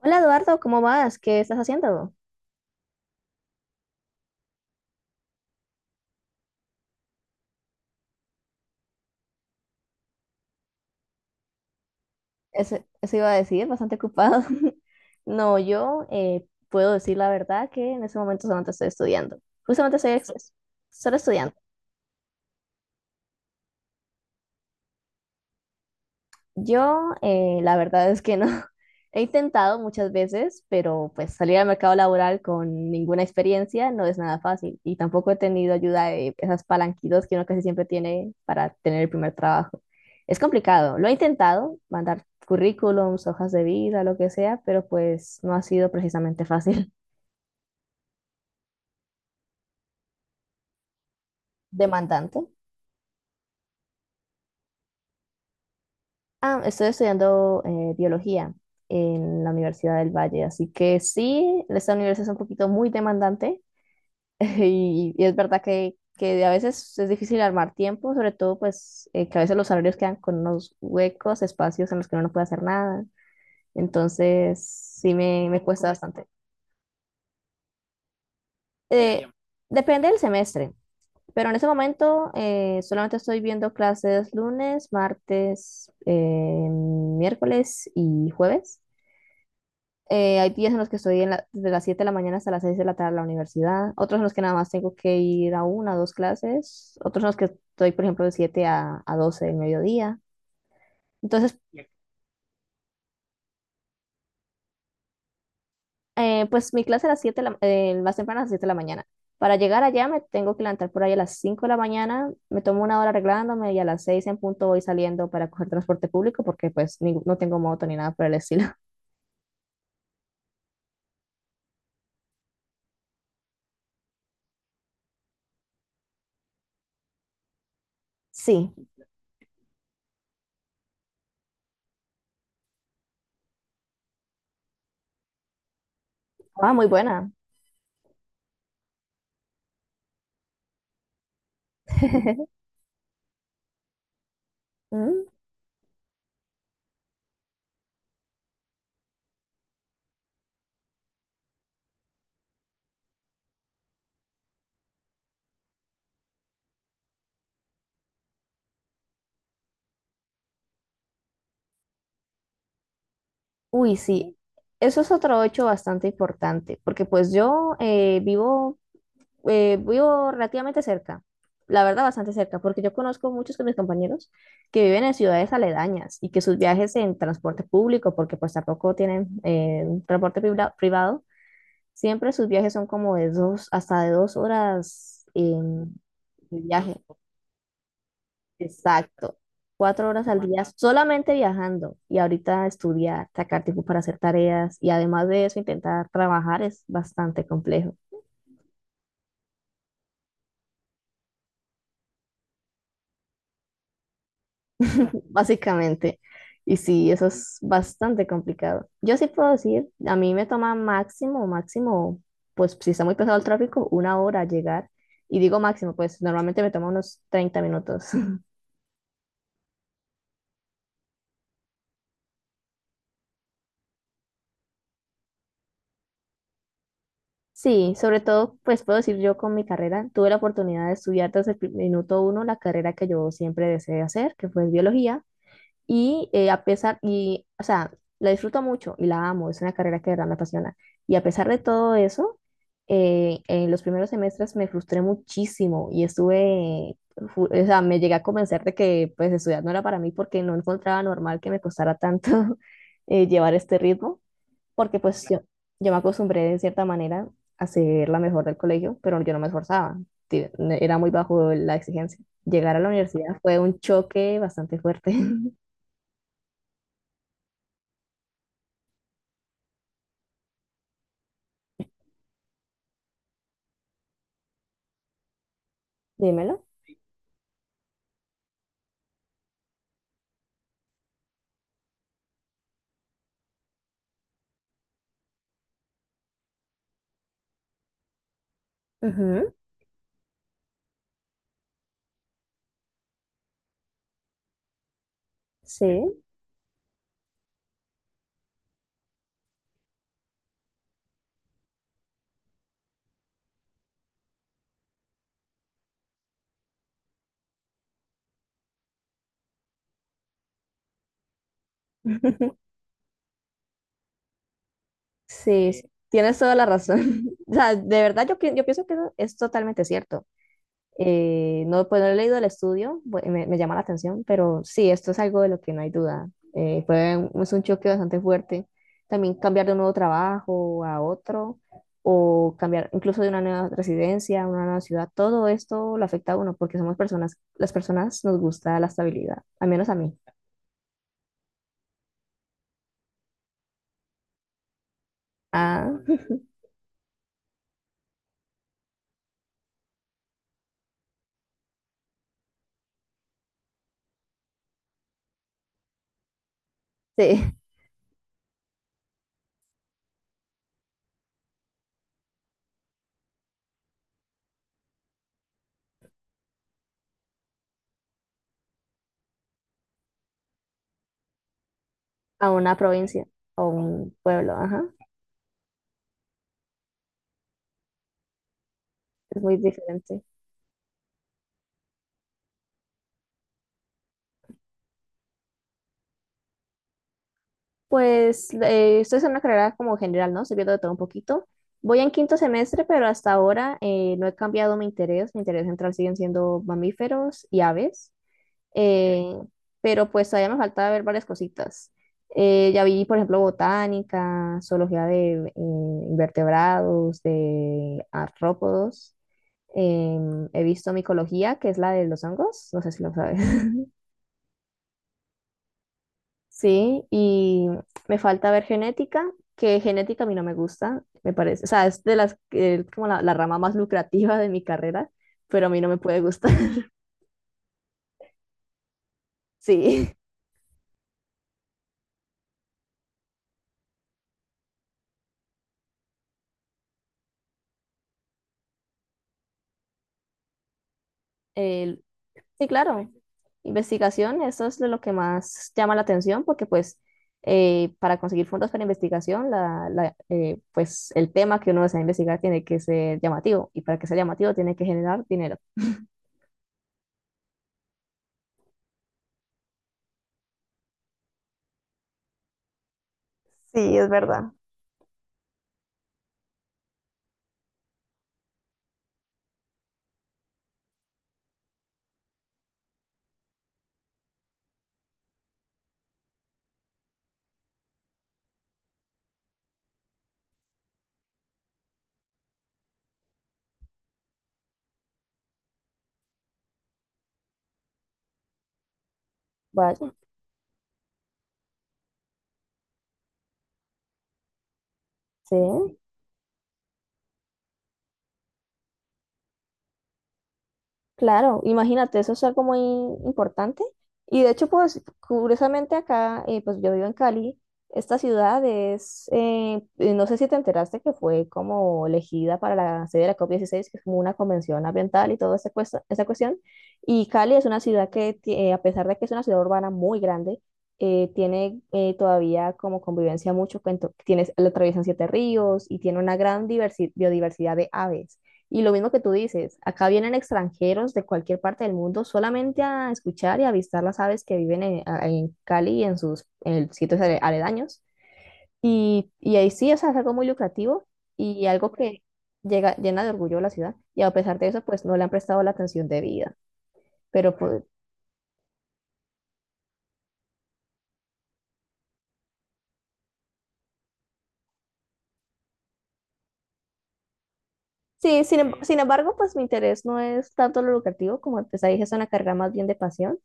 Hola Eduardo, ¿cómo vas? ¿Qué estás haciendo? Eso iba a decir, bastante ocupado. No, yo puedo decir la verdad que en ese momento solamente estoy estudiando. Justamente solo estudiando. Yo, la verdad es que no. He intentado muchas veces, pero pues salir al mercado laboral con ninguna experiencia no es nada fácil y tampoco he tenido ayuda de esas palanquitas que uno casi siempre tiene para tener el primer trabajo. Es complicado. Lo he intentado, mandar currículums, hojas de vida, lo que sea, pero pues no ha sido precisamente fácil. Demandante. Ah, estoy estudiando biología en la Universidad del Valle, así que sí, esta universidad es un poquito muy demandante. Y es verdad que a veces es difícil armar tiempo, sobre todo pues que a veces los horarios quedan con unos huecos, espacios en los que uno no puede hacer nada. Entonces, sí me cuesta bastante. Eh, depende del semestre, pero en ese momento solamente estoy viendo clases lunes, martes, miércoles y jueves. Hay días en los que estoy desde las 7 de la mañana hasta las 6 de la tarde en la universidad, otros en los que nada más tengo que ir a una o dos clases, otros en los que estoy, por ejemplo, de 7 a 12 del mediodía. Entonces, pues mi clase a las más temprano a las 7 de la mañana. Para llegar allá me tengo que levantar por ahí a las 5 de la mañana, me tomo una hora arreglándome y a las 6 en punto voy saliendo para coger transporte público porque pues no tengo moto ni nada por el estilo. Sí, ah, muy buena. Mm. Uy, sí, eso es otro hecho bastante importante, porque pues yo vivo relativamente cerca, la verdad bastante cerca, porque yo conozco muchos de mis compañeros que viven en ciudades aledañas y que sus viajes en transporte público, porque pues tampoco tienen transporte privado, siempre sus viajes son como de 2, hasta de 2 horas de viaje. Exacto. 4 horas al día. Wow, solamente viajando, y ahorita estudiar, sacar tiempo para hacer tareas y además de eso intentar trabajar es bastante complejo. Básicamente. Y sí, eso es bastante complicado. Yo sí puedo decir, a mí me toma máximo, pues si está muy pesado el tráfico, una hora llegar. Y digo máximo, pues normalmente me toma unos 30 minutos. Sí, sobre todo, pues puedo decir yo con mi carrera, tuve la oportunidad de estudiar desde el minuto uno la carrera que yo siempre deseé hacer, que fue biología, y o sea, la disfruto mucho y la amo, es una carrera que de verdad me apasiona. Y a pesar de todo eso, en los primeros semestres me frustré muchísimo y estuve, o sea, me llegué a convencer de que pues estudiar no era para mí porque no encontraba normal que me costara tanto. Llevar este ritmo, porque pues yo me acostumbré de cierta manera a ser la mejor del colegio, pero yo no me esforzaba, ti- era muy bajo la exigencia. Llegar a la universidad fue un choque bastante fuerte. Dímelo. Ujú. Sí. Sí, tienes toda la razón. O sea, de verdad yo pienso que eso es totalmente cierto. No, pues no he leído el estudio, me llama la atención, pero sí, esto es algo de lo que no hay duda. Fue es un choque bastante fuerte. También cambiar de un nuevo trabajo a otro, o cambiar incluso de una nueva residencia a una nueva ciudad, todo esto lo afecta a uno porque somos personas, las personas nos gusta la estabilidad, al menos a mí. Ah. Sí, a una provincia o un pueblo, ajá, es muy diferente. Pues estoy en una carrera como general, ¿no? Estoy viendo de todo un poquito. Voy en quinto semestre, pero hasta ahora no he cambiado mi interés. Mi interés central siguen siendo mamíferos y aves. Ok. Pero pues todavía me falta ver varias cositas. Ya vi, por ejemplo, botánica, zoología de invertebrados, de artrópodos. He visto micología, que es la de los hongos. No sé si lo sabes. Sí, y me falta ver genética, que genética a mí no me gusta, me parece. O sea, es de como la rama más lucrativa de mi carrera, pero a mí no me puede gustar. Sí, el- sí, claro. Investigación, eso es de lo que más llama la atención, porque pues para conseguir fondos para investigación, pues el tema que uno desea investigar tiene que ser llamativo, y para que sea llamativo tiene que generar dinero. Sí, es verdad. Vaya, sí. Claro, imagínate, eso es algo muy importante. Y de hecho, pues curiosamente acá, pues yo vivo en Cali, esta ciudad es, no sé si te enteraste que fue como elegida para la sede de la COP16, que es como una convención ambiental y toda esa cuestión. Y Cali es una ciudad que, a pesar de que es una ciudad urbana muy grande, eh, tiene todavía como convivencia mucho, tienes, la atraviesan 7 ríos y tiene una gran biodiversidad de aves. Y lo mismo que tú dices, acá vienen extranjeros de cualquier parte del mundo solamente a escuchar y avistar las aves que viven en Cali y en sitios aledaños. Y ahí sí, o sea, es algo muy lucrativo y algo que llena de orgullo a la ciudad. Y a pesar de eso, pues no le han prestado la atención debida. Pero pues sí, sin embargo, pues mi interés no es tanto lo lucrativo, como te dije, es una carga más bien de pasión.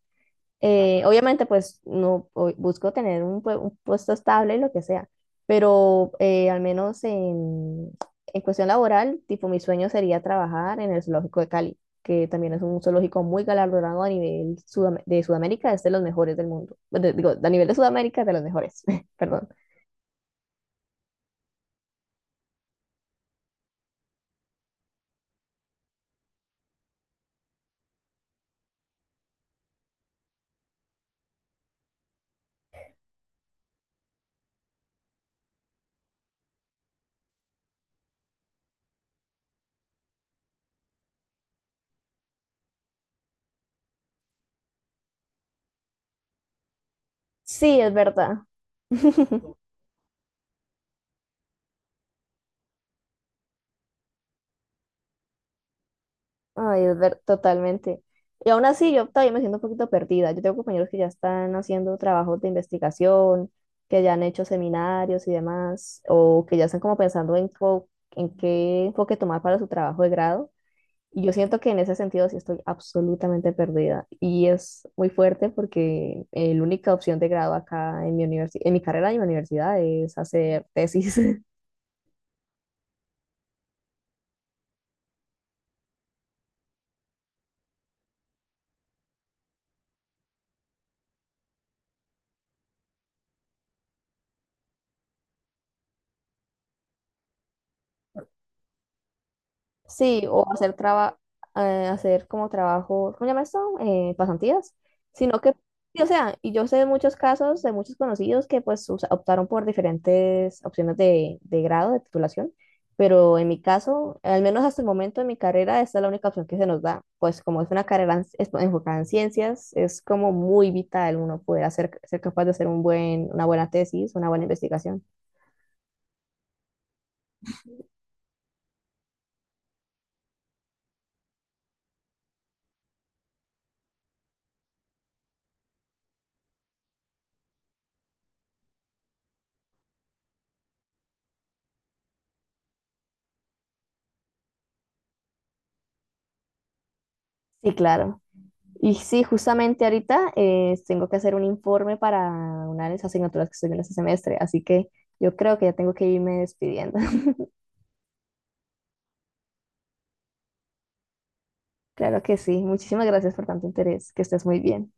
Obviamente, pues no o- busco tener un puesto estable y lo que sea, pero al menos en cuestión laboral, tipo mi sueño sería trabajar en el zoológico de Cali, que también es un zoológico muy galardonado a nivel de Sudamérica, es de los mejores del mundo. Digo, a nivel de Sudamérica, es de los mejores. Perdón. Sí, es verdad. Ay, es ver, totalmente. Y aún así, yo todavía me siento un poquito perdida. Yo tengo compañeros que ya están haciendo trabajos de investigación, que ya han hecho seminarios y demás, o que ya están como pensando en qué enfoque tomar para su trabajo de grado. Y yo siento que en ese sentido sí estoy absolutamente perdida. Y es muy fuerte porque la única opción de grado acá en mi en mi carrera y mi universidad es hacer tesis. Sí, o hacer como trabajo, ¿cómo se llama esto? Pasantías, sino que, sí, o sea, y yo sé de muchos casos, de muchos conocidos que pues o sea, optaron por diferentes opciones de grado, de titulación, pero en mi caso, al menos hasta el momento de mi carrera, esta es la única opción que se nos da, pues como es una carrera enfocada en ciencias, es como muy vital uno poder hacer, ser capaz de hacer una buena tesis, una buena investigación. Sí, claro. Y sí, justamente ahorita tengo que hacer un informe para una de las asignaturas que estoy viendo este semestre, así que yo creo que ya tengo que irme despidiendo. Claro que sí, muchísimas gracias por tanto interés, que estés muy bien.